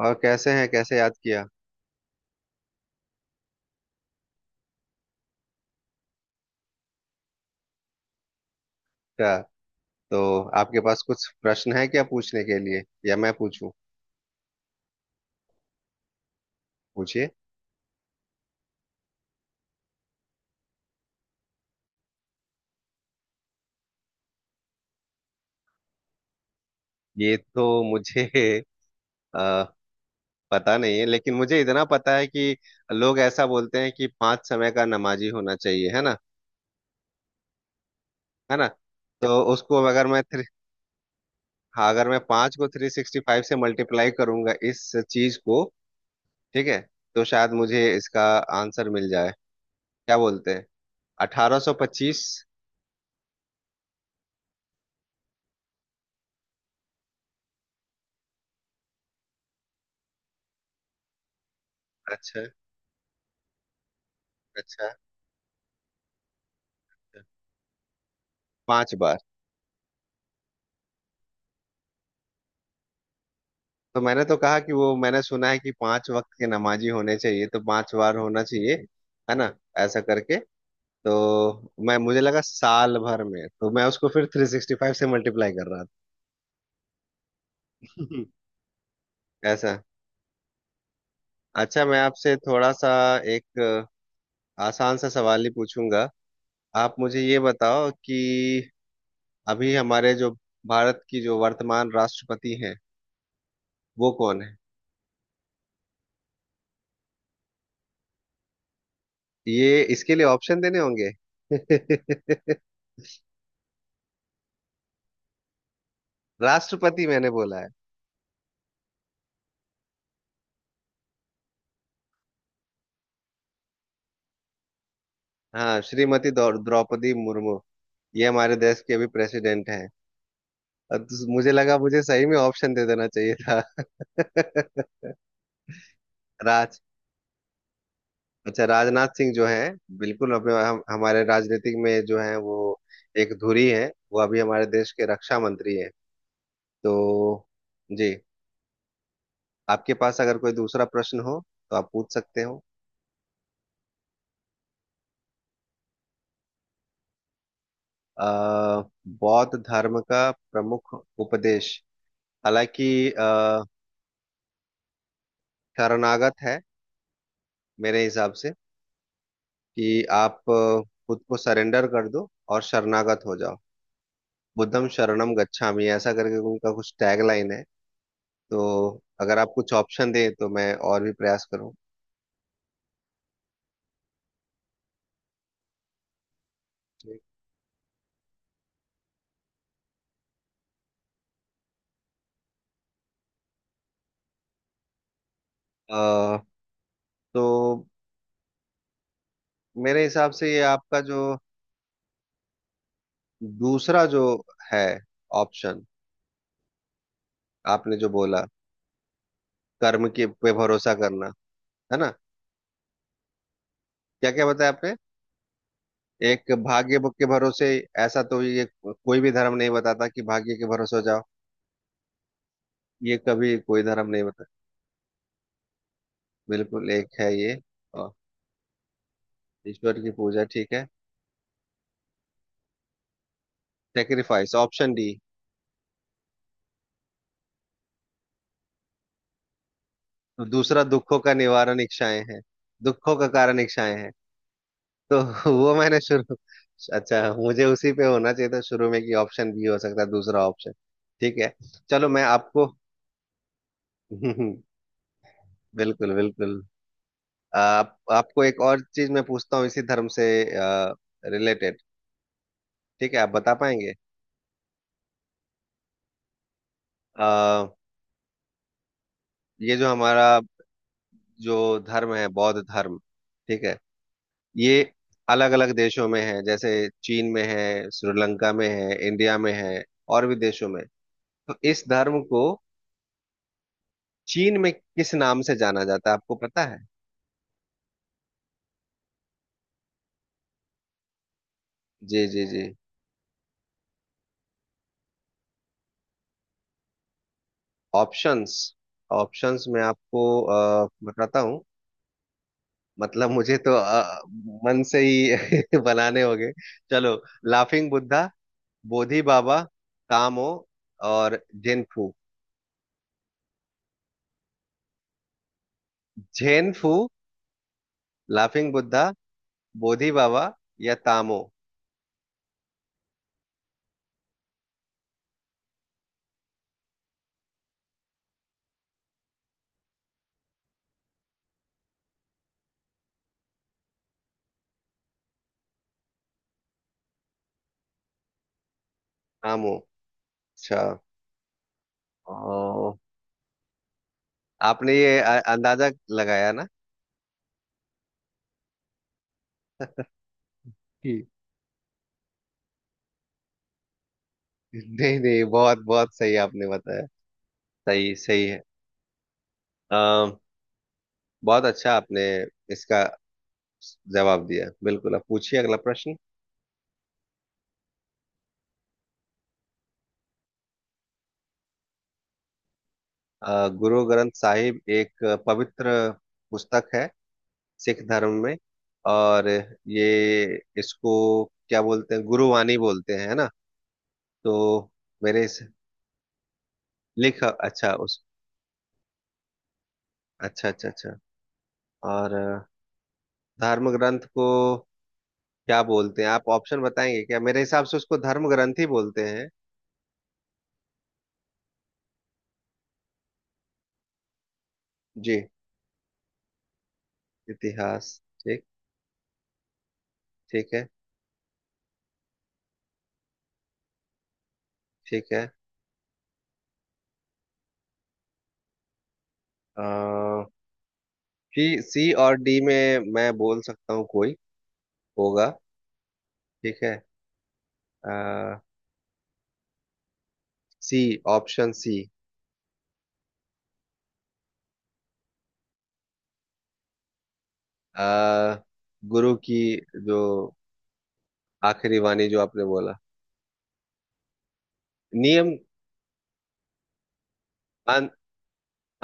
और कैसे हैं? कैसे याद किया? अच्छा, तो आपके पास कुछ प्रश्न है क्या पूछने के लिए, या मैं पूछूं? पूछिए। ये तो मुझे अ, पता नहीं है, लेकिन मुझे इतना पता है कि लोग ऐसा बोलते हैं कि 5 समय का नमाजी होना चाहिए, है ना? है ना? तो उसको, अगर मैं 3, हाँ, अगर मैं 5 को 365 से मल्टीप्लाई करूंगा इस चीज को, ठीक है, तो शायद मुझे इसका आंसर मिल जाए। क्या बोलते हैं? 1825। अच्छा। अच्छा। अच्छा। 5 बार। तो मैंने तो कहा कि वो मैंने सुना है कि 5 वक्त के नमाजी होने चाहिए, तो 5 बार होना चाहिए, है ना? ऐसा करके तो मैं मुझे लगा साल भर में, तो मैं उसको फिर 365 से मल्टीप्लाई कर रहा हम्म, था। ऐसा। अच्छा, मैं आपसे थोड़ा सा एक आसान सा सवाल ही पूछूंगा। आप मुझे ये बताओ कि अभी हमारे जो भारत की जो वर्तमान राष्ट्रपति हैं, वो कौन है? ये इसके लिए ऑप्शन देने होंगे। राष्ट्रपति, मैंने बोला। हाँ, श्रीमती द्रौपदी मुर्मू ये हमारे देश की अभी प्रेसिडेंट हैं। अब तो मुझे लगा मुझे सही में ऑप्शन दे देना चाहिए था। राज अच्छा, राजनाथ सिंह जो है, बिल्कुल, अब हमारे राजनीतिक में जो है, वो एक धुरी है। वो अभी हमारे देश के रक्षा मंत्री है। तो, जी, आपके पास अगर कोई दूसरा प्रश्न हो, तो आप पूछ सकते हो। अ, बौद्ध धर्म का प्रमुख उपदेश, हालांकि शरणागत है, मेरे हिसाब से, कि आप खुद को सरेंडर कर दो और शरणागत हो जाओ। बुद्धम शरणम गच्छामि ऐसा करके उनका कुछ टैगलाइन है, तो अगर आप कुछ ऑप्शन दें तो मैं और भी प्रयास करूँ। अ, तो मेरे हिसाब से ये आपका जो दूसरा जो है ऑप्शन, आपने जो बोला, कर्म के पे भरोसा करना, है ना? क्या क्या बताया आपने? एक, भाग्य के भरोसे। ऐसा तो ये कोई भी धर्म नहीं बताता कि भाग्य के भरोसे हो जाओ, ये कभी कोई धर्म नहीं बताता। बिल्कुल, एक है ये। और ईश्वर की पूजा, ठीक है। Sacrifice, option D. तो दूसरा, दुखों का निवारण इच्छाएं हैं, दुखों का कारण इच्छाएं हैं। तो वो मैंने शुरू अच्छा, मुझे उसी पे होना चाहिए था शुरू में कि ऑप्शन बी हो सकता है दूसरा ऑप्शन। ठीक है, चलो मैं आपको बिल्कुल, बिल्कुल। आप आपको एक और चीज मैं पूछता हूँ, इसी धर्म से रिलेटेड। ठीक है, आप बता पाएंगे? आ, ये जो हमारा जो धर्म है, बौद्ध धर्म, ठीक है, ये अलग अलग देशों में है, जैसे चीन में है, श्रीलंका में है, इंडिया में है, और भी देशों में, तो इस धर्म को चीन में किस नाम से जाना जाता है, आपको पता है? जी, जी, जी। ऑप्शंस। ऑप्शंस में आपको बताता हूँ, मतलब मुझे तो मन से ही बनाने होंगे। चलो, लाफिंग बुद्धा, बोधि बाबा, कामो, और जेनफू। जेनफू। लाफिंग बुद्धा, बोधि बाबा, या तामो। तामो। अच्छा। ओ, आपने ये अंदाजा लगाया ना कि, नहीं, नहीं, बहुत बहुत सही आपने बताया। सही, सही है। अम, बहुत अच्छा आपने इसका जवाब दिया। बिल्कुल, अब पूछिए अगला प्रश्न। गुरु ग्रंथ साहिब एक पवित्र पुस्तक है सिख धर्म में, और ये इसको क्या बोलते हैं, गुरुवाणी बोलते हैं, है ना? तो मेरे इस लिख अच्छा, उस अच्छा, अच्छा, अच्छा। और धर्म ग्रंथ को क्या बोलते हैं, आप ऑप्शन बताएंगे क्या? मेरे हिसाब से उसको धर्म ग्रंथ ही बोलते हैं। जी, इतिहास, ठीक, ठीक है, ठीक है। आ, सी, सी और डी में मैं बोल सकता हूँ कोई होगा, ठीक है। आ, सी, ऑप्शन सी। आ, गुरु की जो आखिरी वाणी, जो आपने बोला, नियम। अं,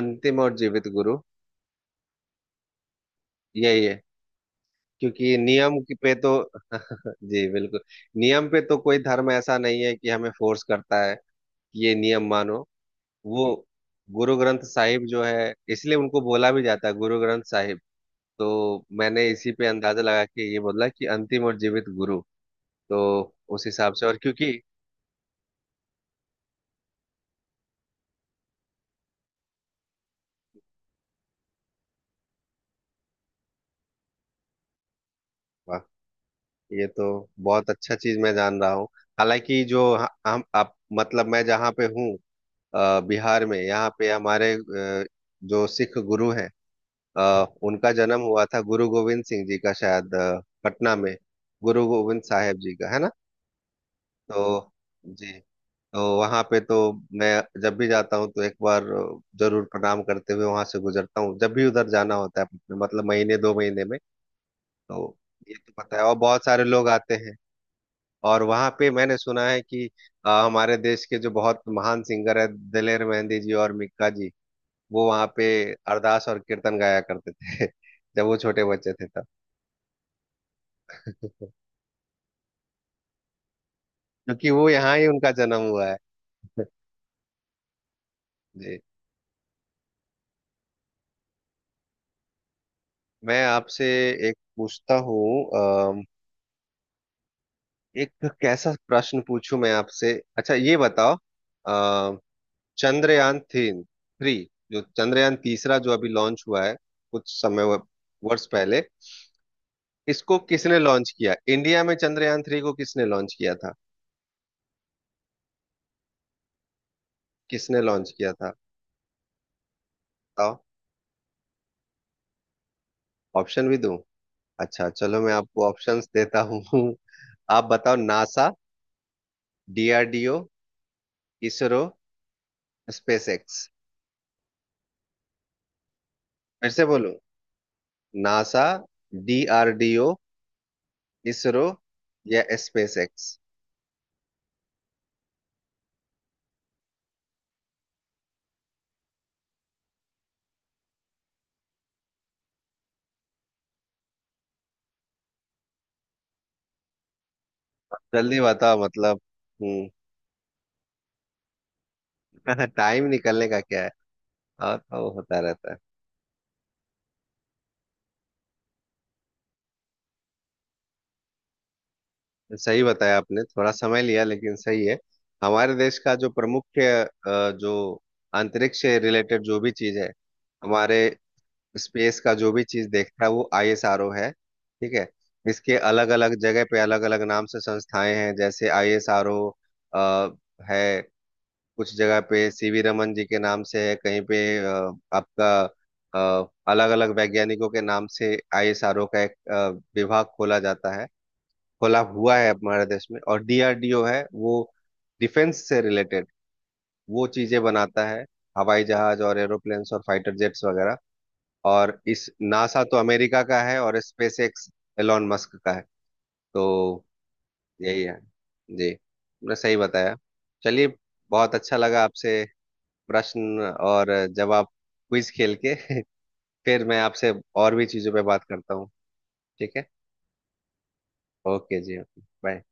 अंतिम और जीवित गुरु, यही है। क्योंकि नियम की पे तो, जी, बिल्कुल, नियम पे तो कोई धर्म ऐसा नहीं है कि हमें फोर्स करता है, ये नियम मानो। वो गुरु ग्रंथ साहिब जो है, इसलिए उनको बोला भी जाता है गुरु ग्रंथ साहिब। तो मैंने इसी पे अंदाजा लगा के ये बोला कि अंतिम और जीवित गुरु। तो उस हिसाब से, और क्योंकि, वाह, ये तो बहुत अच्छा चीज मैं जान रहा हूँ। हालांकि जो ह- हम आप मतलब मैं जहाँ पे हूँ, बिहार में, यहाँ पे हमारे जो सिख गुरु हैं, उनका जन्म हुआ था, गुरु गोविंद सिंह जी का, शायद पटना में। गुरु गोविंद साहेब जी का, है ना? तो, जी, तो वहां पे तो मैं जब भी जाता हूँ तो एक बार जरूर प्रणाम करते हुए वहां से गुजरता हूँ, जब भी उधर जाना होता है मतलब महीने 2 महीने में। तो, ये तो पता है, और बहुत सारे लोग आते हैं, और वहां पे मैंने सुना है कि हमारे देश के जो बहुत महान सिंगर है, दिलेर मेहंदी जी और मिक्का जी, वो वहां पे अरदास और कीर्तन गाया करते थे जब वो छोटे बच्चे थे तब। क्योंकि वो यहाँ ही उनका जन्म हुआ है। जी। मैं आपसे एक पूछता हूँ, एक कैसा प्रश्न पूछूं मैं आपसे, अच्छा, ये बताओ। अ, चंद्रयान 3, जो चंद्रयान तीसरा जो अभी लॉन्च हुआ है कुछ समय वर्ष पहले, इसको किसने लॉन्च किया, इंडिया में चंद्रयान 3 को किसने लॉन्च किया था? किसने लॉन्च किया था, बताओ? ऑप्शन भी दूं? अच्छा, चलो, मैं आपको ऑप्शंस देता हूँ। आप बताओ, नासा, डीआरडीओ, इसरो, स्पेसएक्स। फिर से बोलो। नासा, डीआरडीओ, इसरो, या स्पेसएक्स। जल्दी बताओ, मतलब। हम्म टाइम निकलने का क्या है, और वो होता रहता है। सही बताया आपने, थोड़ा समय लिया लेकिन सही है। हमारे देश का जो प्रमुख, जो अंतरिक्ष से रिलेटेड जो भी चीज है, हमारे स्पेस का जो भी चीज देखता है, वो आईएसआरओ है, ठीक है। इसके अलग अलग जगह पे अलग अलग नाम से संस्थाएं हैं, जैसे आईएसआरओ है, कुछ जगह पे सीवी रमन जी के नाम से है, कहीं पे आपका अलग अलग वैज्ञानिकों के नाम से आईएसआरओ का एक विभाग खोला जाता है, खोला हुआ है हमारे देश में। और डीआरडीओ है, वो डिफेंस से रिलेटेड वो चीजें बनाता है, हवाई जहाज और एरोप्लेन्स और फाइटर जेट्स वगैरह। और इस नासा तो अमेरिका का है, और स्पेस एक्स एलॉन मस्क का है। तो, यही है जी, तुमने सही बताया। चलिए, बहुत अच्छा लगा आपसे प्रश्न और जवाब, क्विज खेल के। फिर मैं आपसे और भी चीजों पे बात करता हूँ, ठीक है? ओके जी, ओके, बाय।